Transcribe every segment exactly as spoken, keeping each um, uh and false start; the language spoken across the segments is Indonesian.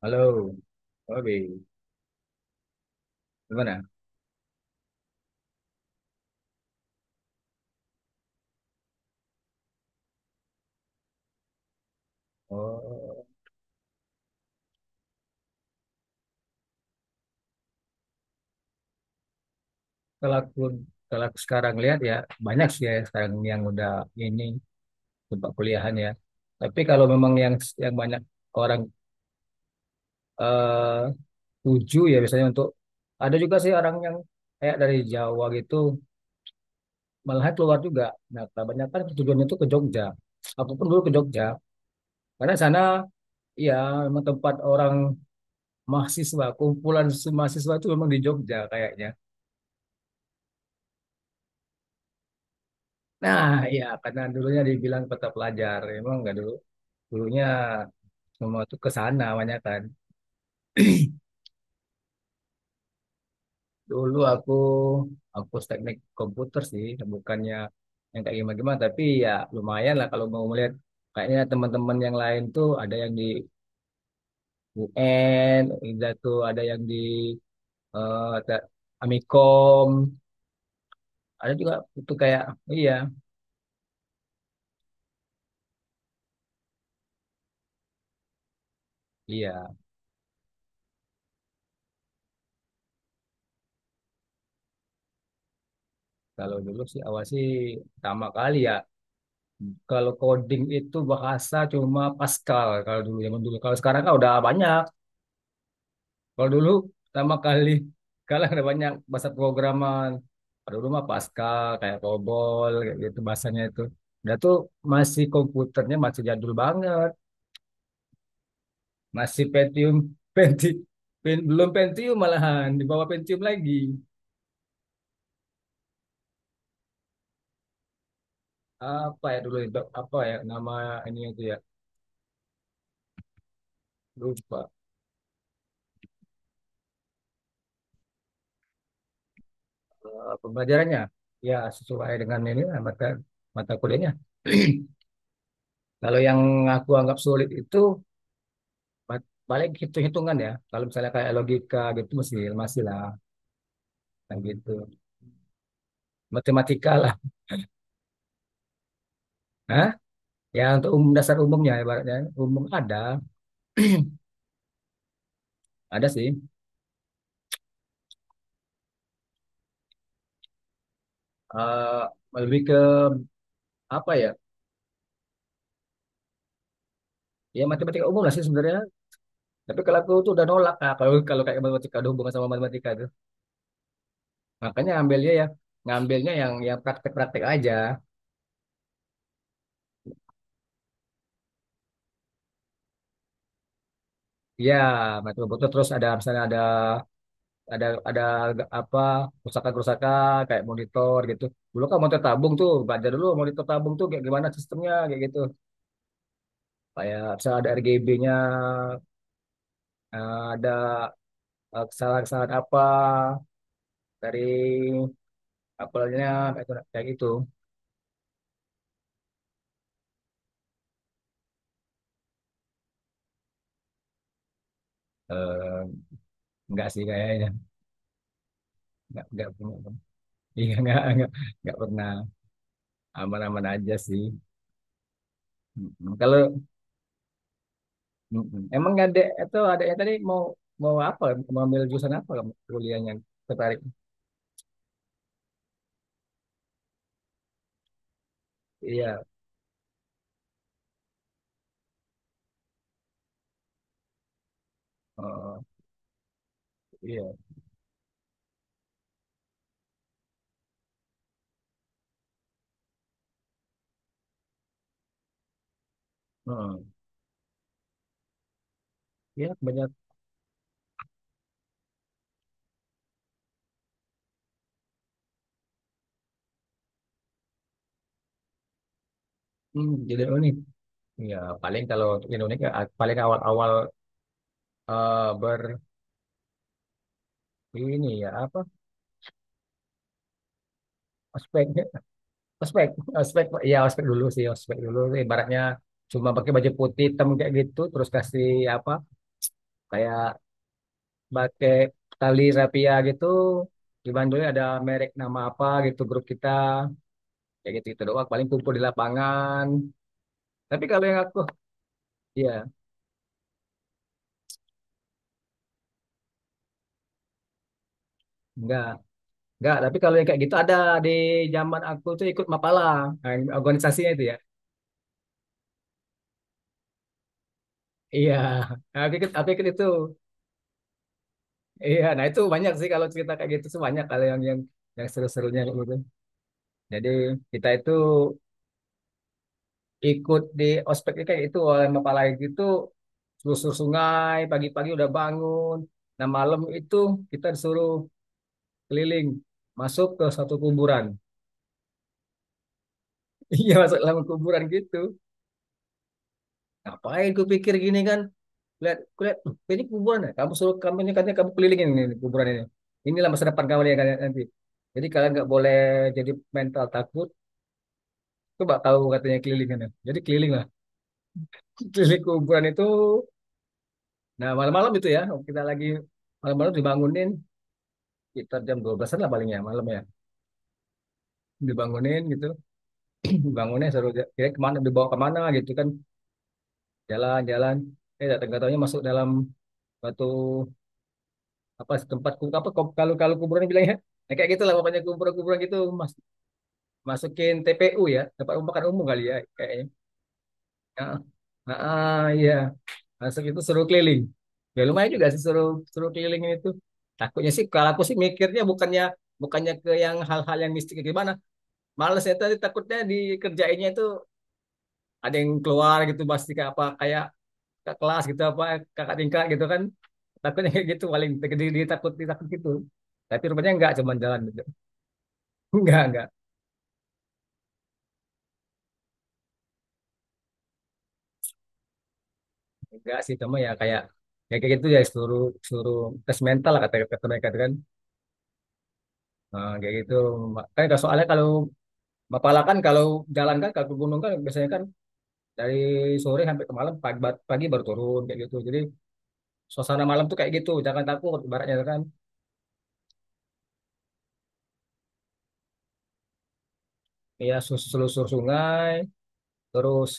Halo, oke, gimana? Oh, kalau aku kalau aku sekarang lihat ya banyak sih ya sekarang yang udah ini tempat kuliahan ya. Tapi kalau memang yang yang banyak orang eh, tuju ya biasanya untuk ada juga sih orang yang kayak dari Jawa gitu malah keluar juga. Nah, kebanyakan tujuannya itu ke Jogja. Aku pun dulu ke Jogja karena sana ya memang tempat orang mahasiswa kumpulan mahasiswa itu memang di Jogja kayaknya. Nah, ya karena dulunya dibilang kota pelajar, emang nggak dulu. Dulunya semua tuh ke sana banyak kan. Dulu aku aku teknik komputer sih, bukannya yang kayak gimana-gimana, tapi ya lumayan lah kalau mau melihat kayaknya teman-teman yang lain tuh ada yang di U N, ada tuh ada yang di eh, te- Amikom, ada juga itu kayak iya iya. Kalau dulu sih awal sih pertama kali ya. Kalau coding itu bahasa cuma Pascal kalau dulu zaman dulu. Kalau sekarang kan udah banyak. Kalau dulu pertama kali kalau ada banyak bahasa programan. Kalau dulu mah Pascal kayak COBOL kayak gitu bahasanya itu. Dan tuh masih komputernya masih jadul banget. Masih Pentium, Penti, Pen- belum Pentium malahan di bawah Pentium lagi. Apa ya dulu itu? Apa ya nama ini itu ya? Lupa. Eh, pembelajarannya ya sesuai dengan ini lah, mata mata kuliahnya. Kalau yang aku anggap sulit itu pa- paling hitung-hitungan ya. Kalau misalnya kayak logika gitu masih masih lah kayak gitu. Matematika lah. Hah? Ya untuk umum dasar umumnya ibaratnya umum ada ada sih. Eh, lebih ke apa ya? Ya matematika umum lah sih sebenarnya. Tapi kalau aku tuh udah nolak Kak, kalau kalau kayak matematika ada hubungan sama matematika itu. Makanya ambilnya ya ngambilnya yang yang praktek-praktek aja. Ya, betul-betul terus ada misalnya ada ada ada apa kerusakan-kerusakan kayak monitor gitu. Dulu kan monitor tabung tuh, belajar dulu monitor tabung tuh kayak gimana sistemnya kayak gitu. Kayak bisa ada R G B-nya, eh, ada eh, kesalahan-kesalahan apa dari apelnya kayak gitu, kayak gitu. Eh, enggak sih kayaknya, enggak enggak pernah. Iya enggak enggak enggak pernah, aman-aman aja sih. Mm-mm. Kalau mm-mm. emang ada atau adanya tadi mau mau apa? Mau ambil jurusan apa kamu kuliahnya? Tertarik. Iya. Oh, iya. Heeh. Ya, banyak. Hmm, jadi unik. Ya, paling kalau untuk Indonesia a- paling awal-awal eh, ber ini ya apa? Ospek. Ospek, ospek. Ya, ospek dulu sih, ospek dulu. Ibaratnya cuma pakai baju putih hitam kayak gitu, terus kasih apa? Kayak pakai tali rapia gitu. Di Bandungnya ada merek nama apa gitu grup kita. Kayak gitu-gitu doang. Paling kumpul di lapangan. Tapi kalau yang aku, ya, enggak. Enggak, tapi kalau yang kayak gitu ada di zaman aku tuh ikut Mapala, nah, organisasinya itu ya. Iya. Nah, aku ikut, aku ikut, itu. Iya, nah itu banyak sih kalau cerita kayak gitu tuh banyak kalau yang yang yang seru-serunya kayak gitu. Jadi kita itu ikut di ospeknya kayak itu oleh Mapala gitu, selusur sungai pagi-pagi udah bangun. Nah malam itu kita disuruh keliling masuk ke satu kuburan. Iya, masuk dalam kuburan gitu. Ngapain ku pikir gini kan? Lihat lihat, "Loh, ini kuburan ya kamu suruh kamu ini katanya kamu kelilingin ini kuburan ini, inilah masa depan kamu ya kalian nanti, jadi kalian nggak boleh jadi mental takut, coba tahu katanya kelilingan ya." Jadi keliling lah, keliling kuburan itu. Nah malam-malam itu ya kita lagi malam-malam dibangunin, kita jam dua belasan lah palingnya malam ya, dibangunin gitu. Bangunnya suruh, kira kemana dibawa kemana gitu kan, jalan-jalan, eh nggak tahunya masuk dalam batu apa tempat ku- apa, kalau kalau kuburan bilangnya. Nah, kayak gitu lah pokoknya kuburan-kuburan gitu mas, masukin T P U ya, tempat pembukaan umum kali ya kayaknya. Heeh. Heeh, iya, masuk itu suruh keliling. Ya lumayan juga sih suruh suruh kelilingin itu. Takutnya sih kalau aku sih mikirnya bukannya bukannya ke yang hal-hal yang mistik kayak gimana. Males ya tadi takutnya dikerjainnya itu, ada yang keluar gitu pasti kayak apa, kayak ke kelas gitu apa kakak tingkat gitu kan. Takutnya kayak gitu paling jadi takut ditakut gitu. Tapi rupanya enggak cuman jalan gitu. Enggak, enggak. Enggak sih cuma ya kayak ya kayak gitu ya, seluruh seluruh tes mental lah kata kata mereka itu kan. Nah, kayak gitu kan kalau- soalnya kalau Mapala kan, kalau jalan kan kalau ke gunung kan biasanya kan dari sore sampai ke malam pagi, pagi baru turun kayak gitu, jadi suasana malam tuh kayak gitu jangan takut ibaratnya kan. Ya sus- selusur sungai, terus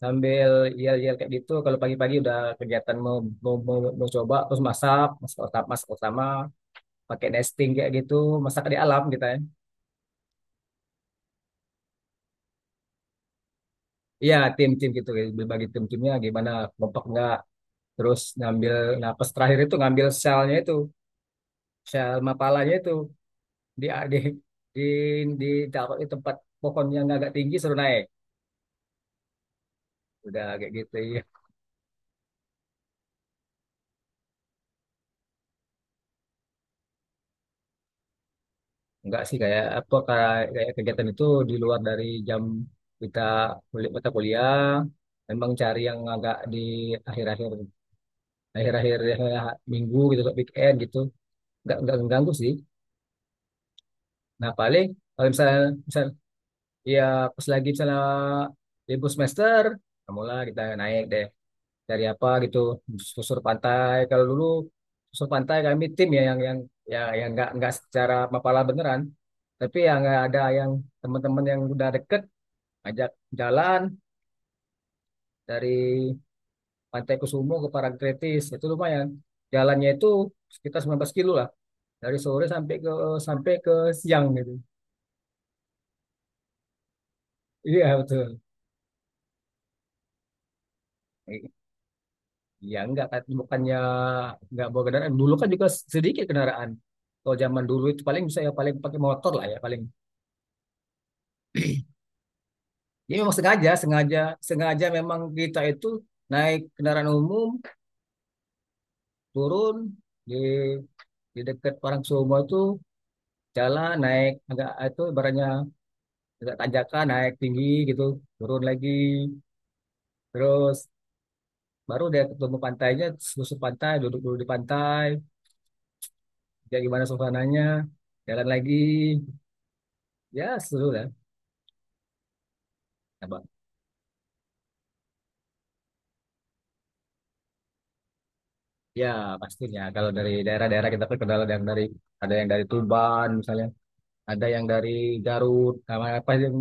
sambil yel-yel kayak gitu. Kalau pagi-pagi udah kegiatan mau, mau, mau, mau coba, terus masak masak utama masak utama pakai nesting kayak gitu, masak di alam kita ya. Iya, tim-tim gitu, kayak berbagi tim-timnya gimana, kompak nggak, terus ngambil napas terakhir itu ngambil selnya itu, sel mapalanya itu di di di di, taruh di tempat pohon yang agak tinggi suruh naik, udah kayak gitu ya. Enggak sih, kayak apa, kayak kayak kegiatan itu di luar dari jam kita kuliah mata kuliah, memang cari yang agak di akhir-akhir akhir-akhir akhir minggu gitu, weekend gitu, nggak nggak mengganggu sih. Nah paling kalau misalnya, misalnya, iya, pas lagi misalnya libur semester, nah mulai kita naik deh dari apa gitu, susur pantai. Kalau dulu susur pantai kami tim ya yang yang ya yang nggak nggak secara mapala beneran, tapi yang nggak ada yang teman-teman yang udah deket ajak jalan dari Pantai Kusumo ke Parangtritis itu lumayan. Jalannya itu sekitar sembilan belas kilo lah, dari sore sampai ke sampai ke siang gitu. Iya betul. Ya enggak kan, bukannya enggak bawa kendaraan. Dulu kan juga sedikit kendaraan. Kalau zaman dulu itu paling bisa ya paling pakai motor lah ya paling. Ya memang sengaja, sengaja, sengaja memang kita itu naik kendaraan umum, turun di di dekat orang semua itu, jalan naik agak itu ibaratnya agak tanjakan naik tinggi gitu, turun lagi. Terus baru dia ketemu pantainya, susur pantai, duduk dulu di pantai, ya gimana suasananya, jalan lagi. Ya seru lah. Nah, ya, pastinya. Kalau dari daerah-daerah kita terkenal ada yang dari, ada yang dari Tuban misalnya, ada yang dari Garut. Sama apa yang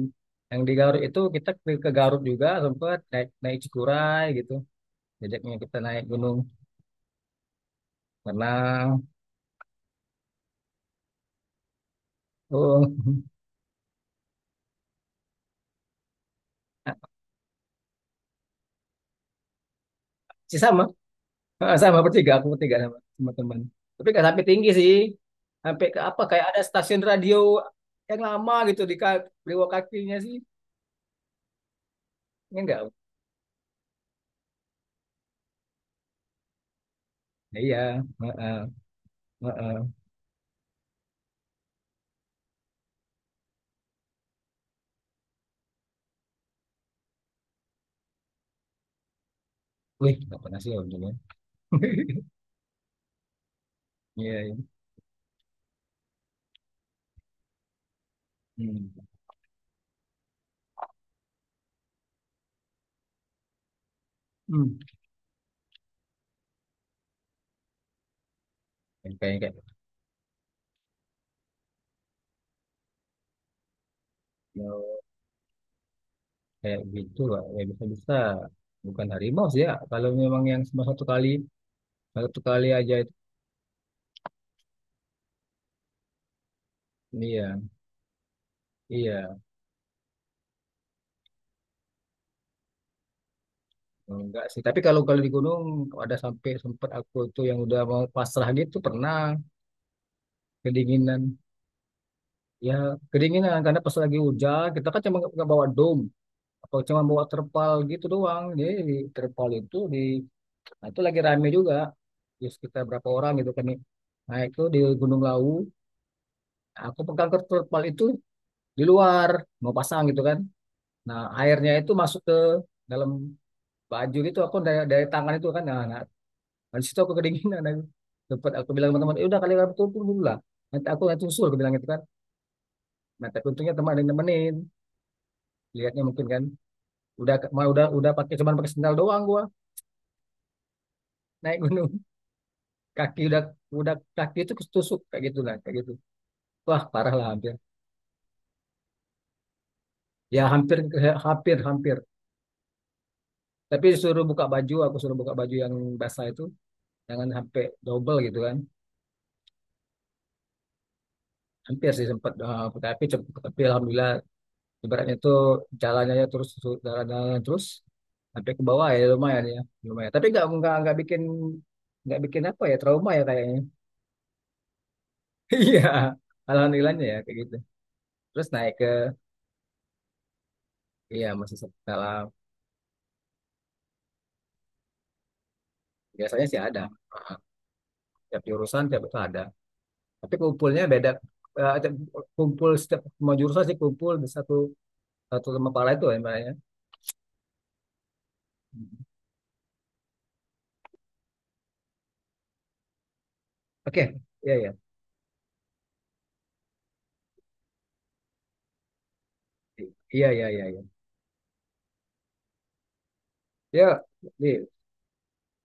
yang di Garut itu kita ke, ke Garut juga sempat naik naik Cikuray gitu. Jejaknya kita naik gunung renang. Oh, sih sama. Ah, sama bertiga, aku bertiga sama teman-teman. Tapi nggak sampai tinggi sih. Sampai ke apa? Kayak ada stasiun radio yang lama gitu di ka- di bawah kakinya sih. Ini enggak. Iya, heeh, heeh. Wih, nggak pernah sih om. Iya, iya. Hmm. Hmm. Yang kayak kayak kalau kayak gitu lah, ya bisa-bisa. Bukan harimau sih ya. Kalau memang yang cuma satu kali, satu kali aja itu. Iya, iya. Enggak sih. Tapi kalau kalau di gunung ada sampai sempat aku tuh yang udah mau pasrah gitu pernah, kedinginan. Ya, kedinginan karena pas lagi hujan kita kan cuma nggak nggak bawa dom, atau cuma bawa terpal gitu doang. Jadi di terpal itu, nah, itu lagi rame juga. Ya, sekitar berapa orang gitu kan nih. Nah, itu di Gunung Lawu. Aku pegang terpal itu di luar. Mau pasang gitu kan. Nah, airnya itu masuk ke dalam baju gitu. Aku dari, dari tangan itu kan. Nah, nah, nah, situ aku kedinginan. Aku. Tempat aku bilang sama teman, "Eh, udah kali aku turun dulu lah. Nanti aku nanti usul," aku bilang gitu kan. Nah, tapi untungnya teman ada yang nemenin. Lihatnya mungkin kan. Udah mau udah udah pakai cuman pakai sendal doang gua naik gunung. Kaki udah udah kaki itu ketusuk kayak gitu lah, kayak gitu. Wah, parah lah hampir. Ya hampir eh, hampir hampir. Tapi suruh buka baju, aku suruh buka baju yang basah itu, jangan sampai double gitu kan. Hampir sih sempat eh, tapi cep- tapi alhamdulillah ibaratnya itu jalannya aja terus su- jalan-jalan terus sampai ke bawah ya lumayan ya, lumayan. Tapi nggak nggak nggak bikin nggak bikin apa ya trauma ya kayaknya. Iya, alhamdulillahnya ya kayak gitu. Terus naik ke iya masih setelah biasanya sih ada tiap jurusan tiap itu ada. Tapi kumpulnya beda. Eh, kumpul setiap semua jurusan sih kumpul di satu satu lembah pala itu ya Mbak, ya. Oke, iya iya iya iya iya iya, ya.